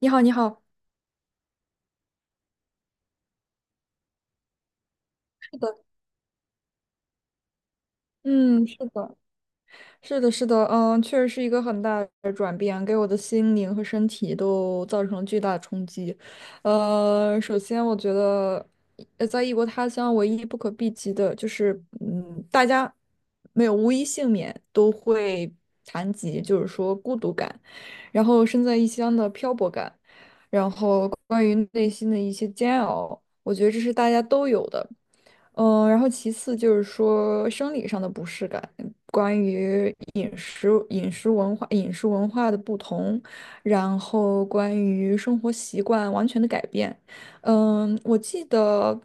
你好，你好。是的。嗯，是的。是的，是的。嗯，确实是一个很大的转变，给我的心灵和身体都造成了巨大的冲击。首先我觉得，在异国他乡，唯一不可避及的就是，嗯，大家没有无一幸免都会谈及，就是说孤独感，然后身在异乡的漂泊感，然后关于内心的一些煎熬，我觉得这是大家都有的。嗯,然后其次就是说生理上的不适感，关于饮食、饮食文化、饮食文化的不同，然后关于生活习惯完全的改变。嗯，我记得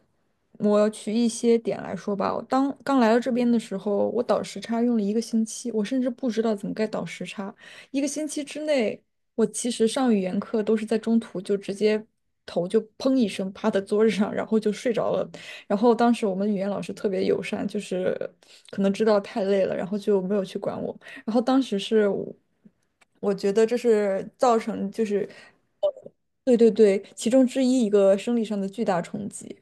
我取一些点来说吧。我当刚来到这边的时候，我倒时差用了一个星期，我甚至不知道怎么该倒时差。一个星期之内，我其实上语言课都是在中途就直接头就砰一声趴在桌子上，然后就睡着了。然后当时我们语言老师特别友善，就是可能知道太累了，然后就没有去管我。然后当时是我，我觉得这是造成就是，呃对对对，其中之一一个生理上的巨大冲击。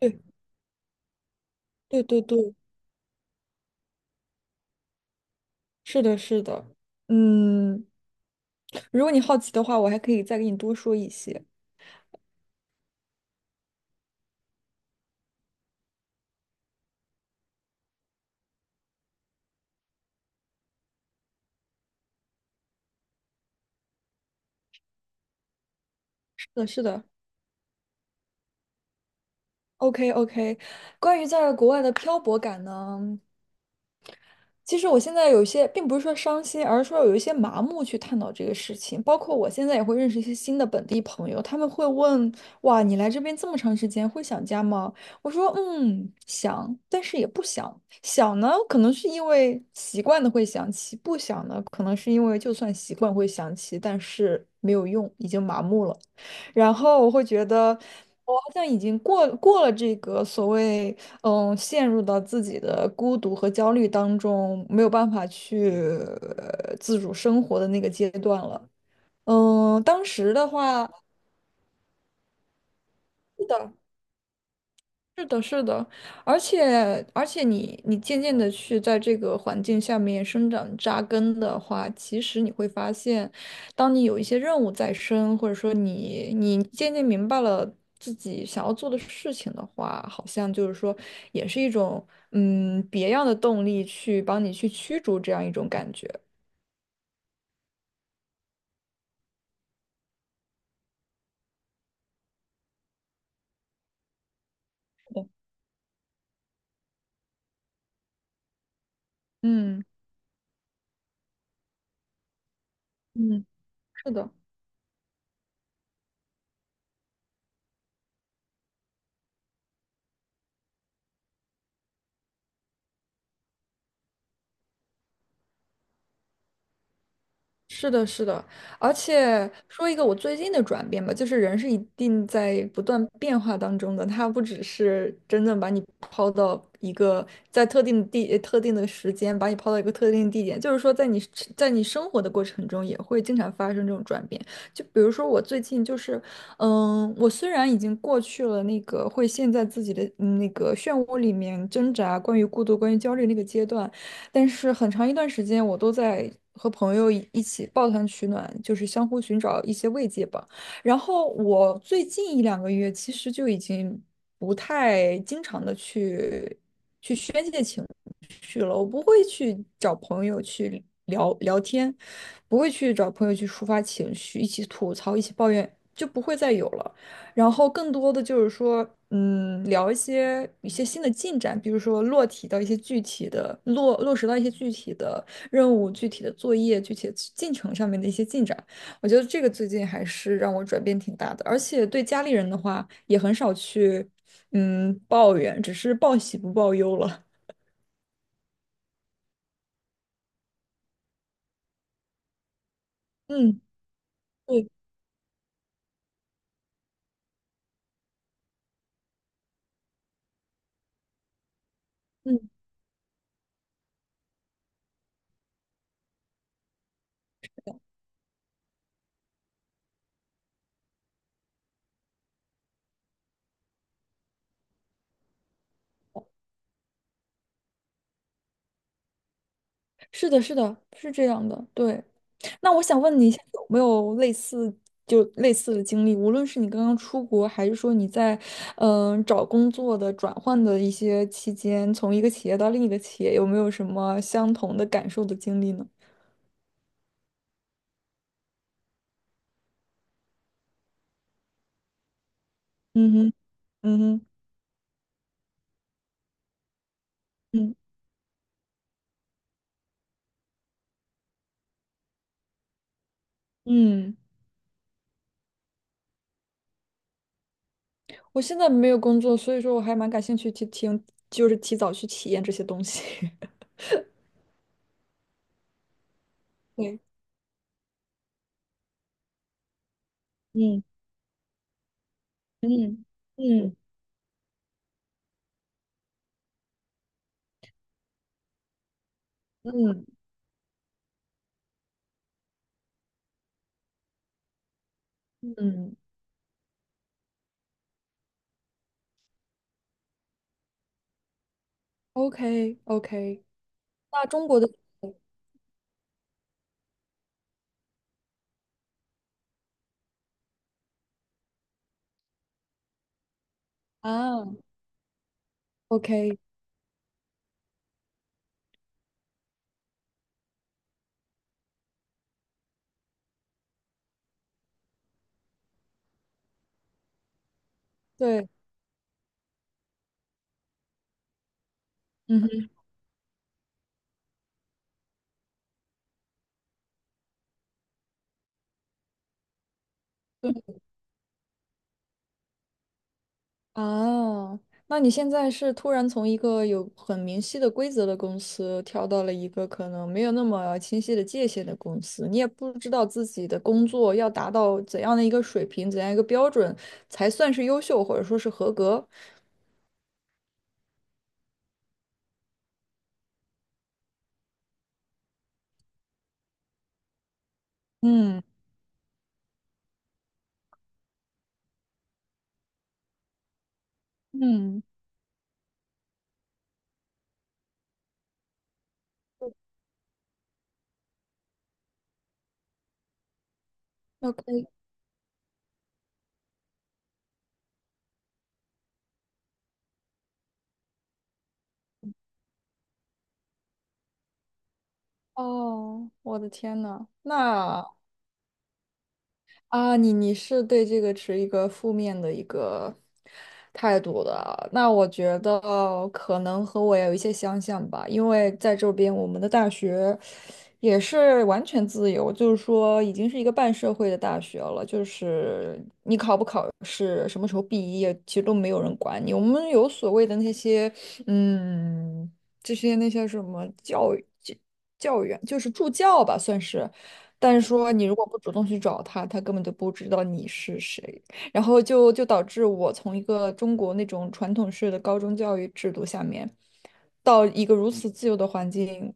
对对对对，是的，是的。嗯，如果你好奇的话，我还可以再给你多说一些。是的，是的。OK OK，关于在国外的漂泊感呢？其实我现在有一些，并不是说伤心，而是说有一些麻木去探讨这个事情。包括我现在也会认识一些新的本地朋友，他们会问：“哇，你来这边这么长时间，会想家吗？”我说：“嗯，想，但是也不想。想呢，可能是因为习惯的会想起；不想呢，可能是因为就算习惯会想起，但是没有用，已经麻木了。”然后我会觉得，我好像已经过过了这个所谓，嗯，陷入到自己的孤独和焦虑当中，没有办法去自主生活的那个阶段了。嗯，当时的话，是的。是的，是的，而且你渐渐的去在这个环境下面生长扎根的话，其实你会发现，当你有一些任务在身，或者说你渐渐明白了自己想要做的事情的话，好像就是说也是一种嗯别样的动力去帮你去驱逐这样一种感觉。嗯。嗯，是的。是的，是的，而且说一个我最近的转变吧，就是人是一定在不断变化当中的，他不只是真正把你抛到一个在特定的地、特定的时间，把你抛到一个特定的地点，就是说在你在你生活的过程中也会经常发生这种转变。就比如说我最近就是，嗯，我虽然已经过去了那个会陷在自己的嗯那个漩涡里面挣扎，关于孤独、关于焦虑那个阶段，但是很长一段时间，我都在和朋友一起抱团取暖，就是相互寻找一些慰藉吧。然后我最近一两个月，其实就已经不太经常的去去宣泄情绪了。我不会去找朋友去聊聊天，不会去找朋友去抒发情绪，一起吐槽，一起抱怨，就不会再有了。然后更多的就是说，嗯，聊一些新的进展，比如说落体到一些具体的落落实到一些具体的任务、具体的作业、具体的进程上面的一些进展。我觉得这个最近还是让我转变挺大的，而且对家里人的话也很少去，嗯，抱怨，只是报喜不报忧了。嗯，对。嗯，是的。是的，是这样的，对。那我想问你一下，有没有类似就类似的经历？无论是你刚刚出国，还是说你在找工作的转换的一些期间，从一个企业到另一个企业，有没有什么相同的感受的经历呢？嗯哼。嗯哼。嗯。嗯，我现在没有工作，所以说我还蛮感兴趣去听，就是提早去体验这些东西。对。嗯。嗯。嗯。嗯。嗯，OK OK，那中国的啊，OK，对。嗯哼。啊，那你现在是突然从一个有很明晰的规则的公司跳到了一个可能没有那么清晰的界限的公司，你也不知道自己的工作要达到怎样的一个水平，怎样一个标准才算是优秀或者说是合格。嗯。嗯，OK，哦，我的天呐，那。啊，你你是对这个持一个负面的一个态度的啊。那我觉得可能和我有一些相像吧，因为在这边我们的大学也是完全自由，就是说已经是一个半社会的大学了，就是你考不考试，什么时候毕业，其实都没有人管你。我们有所谓的那些，嗯，这些那些什么教育教员，就是助教吧，算是。但是说你如果不主动去找他，他根本就不知道你是谁，然后就导致我从一个中国那种传统式的高中教育制度下面，到一个如此自由的环境，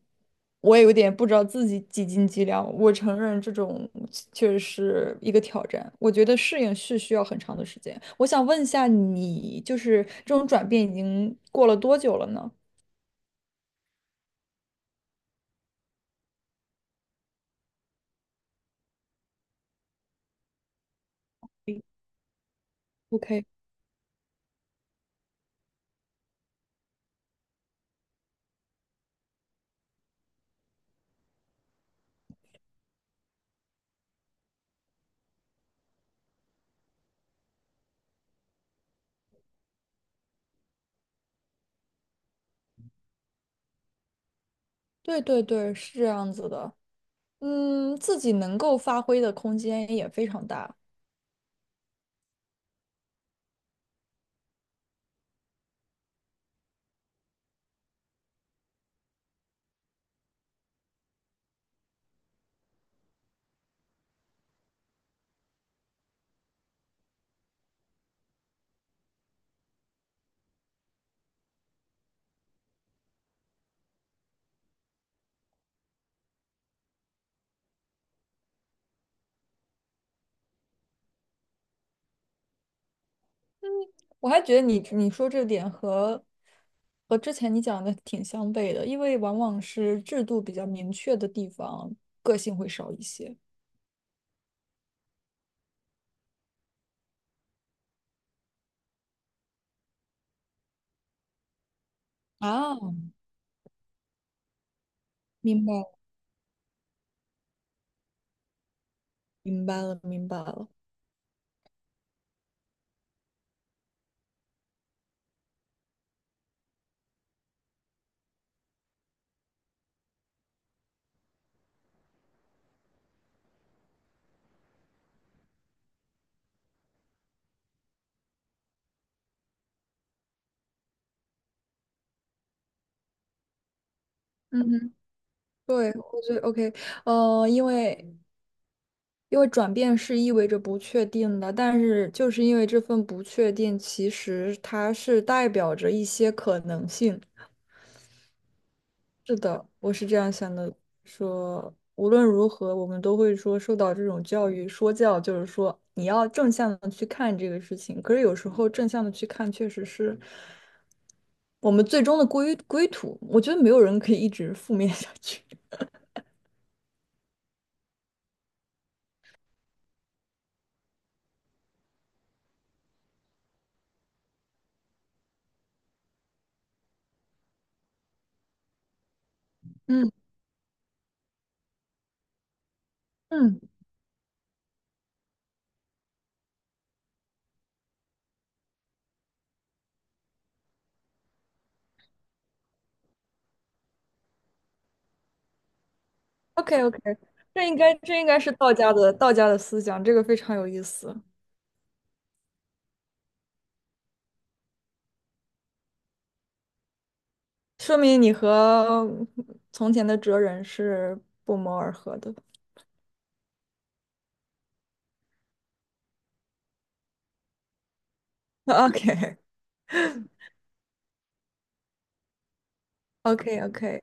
我也有点不知道自己几斤几两。我承认这种确实是一个挑战，我觉得适应是需要很长的时间。我想问一下你，就是这种转变已经过了多久了呢？OK，对对对，是这样子的。嗯，自己能够发挥的空间也非常大。我还觉得你说这点和和之前你讲的挺相悖的，因为往往是制度比较明确的地方，个性会少一些。啊，明白了，明白了，明白了。嗯哼，对，我觉得 OK。因为因为转变是意味着不确定的，但是就是因为这份不确定，其实它是代表着一些可能性。是的，我是这样想的，说无论如何，我们都会说受到这种教育，说教就是说你要正向的去看这个事情。可是有时候正向的去看，确实是我们最终的归归途。我觉得没有人可以一直负面下去。嗯。嗯。 ，OK OK，这应该是道家的思想，这个非常有意思。说明你和从前的哲人是不谋而合的。OK OK OK。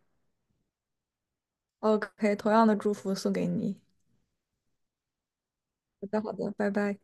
OK，同样的祝福送给你。好的，好的，拜拜。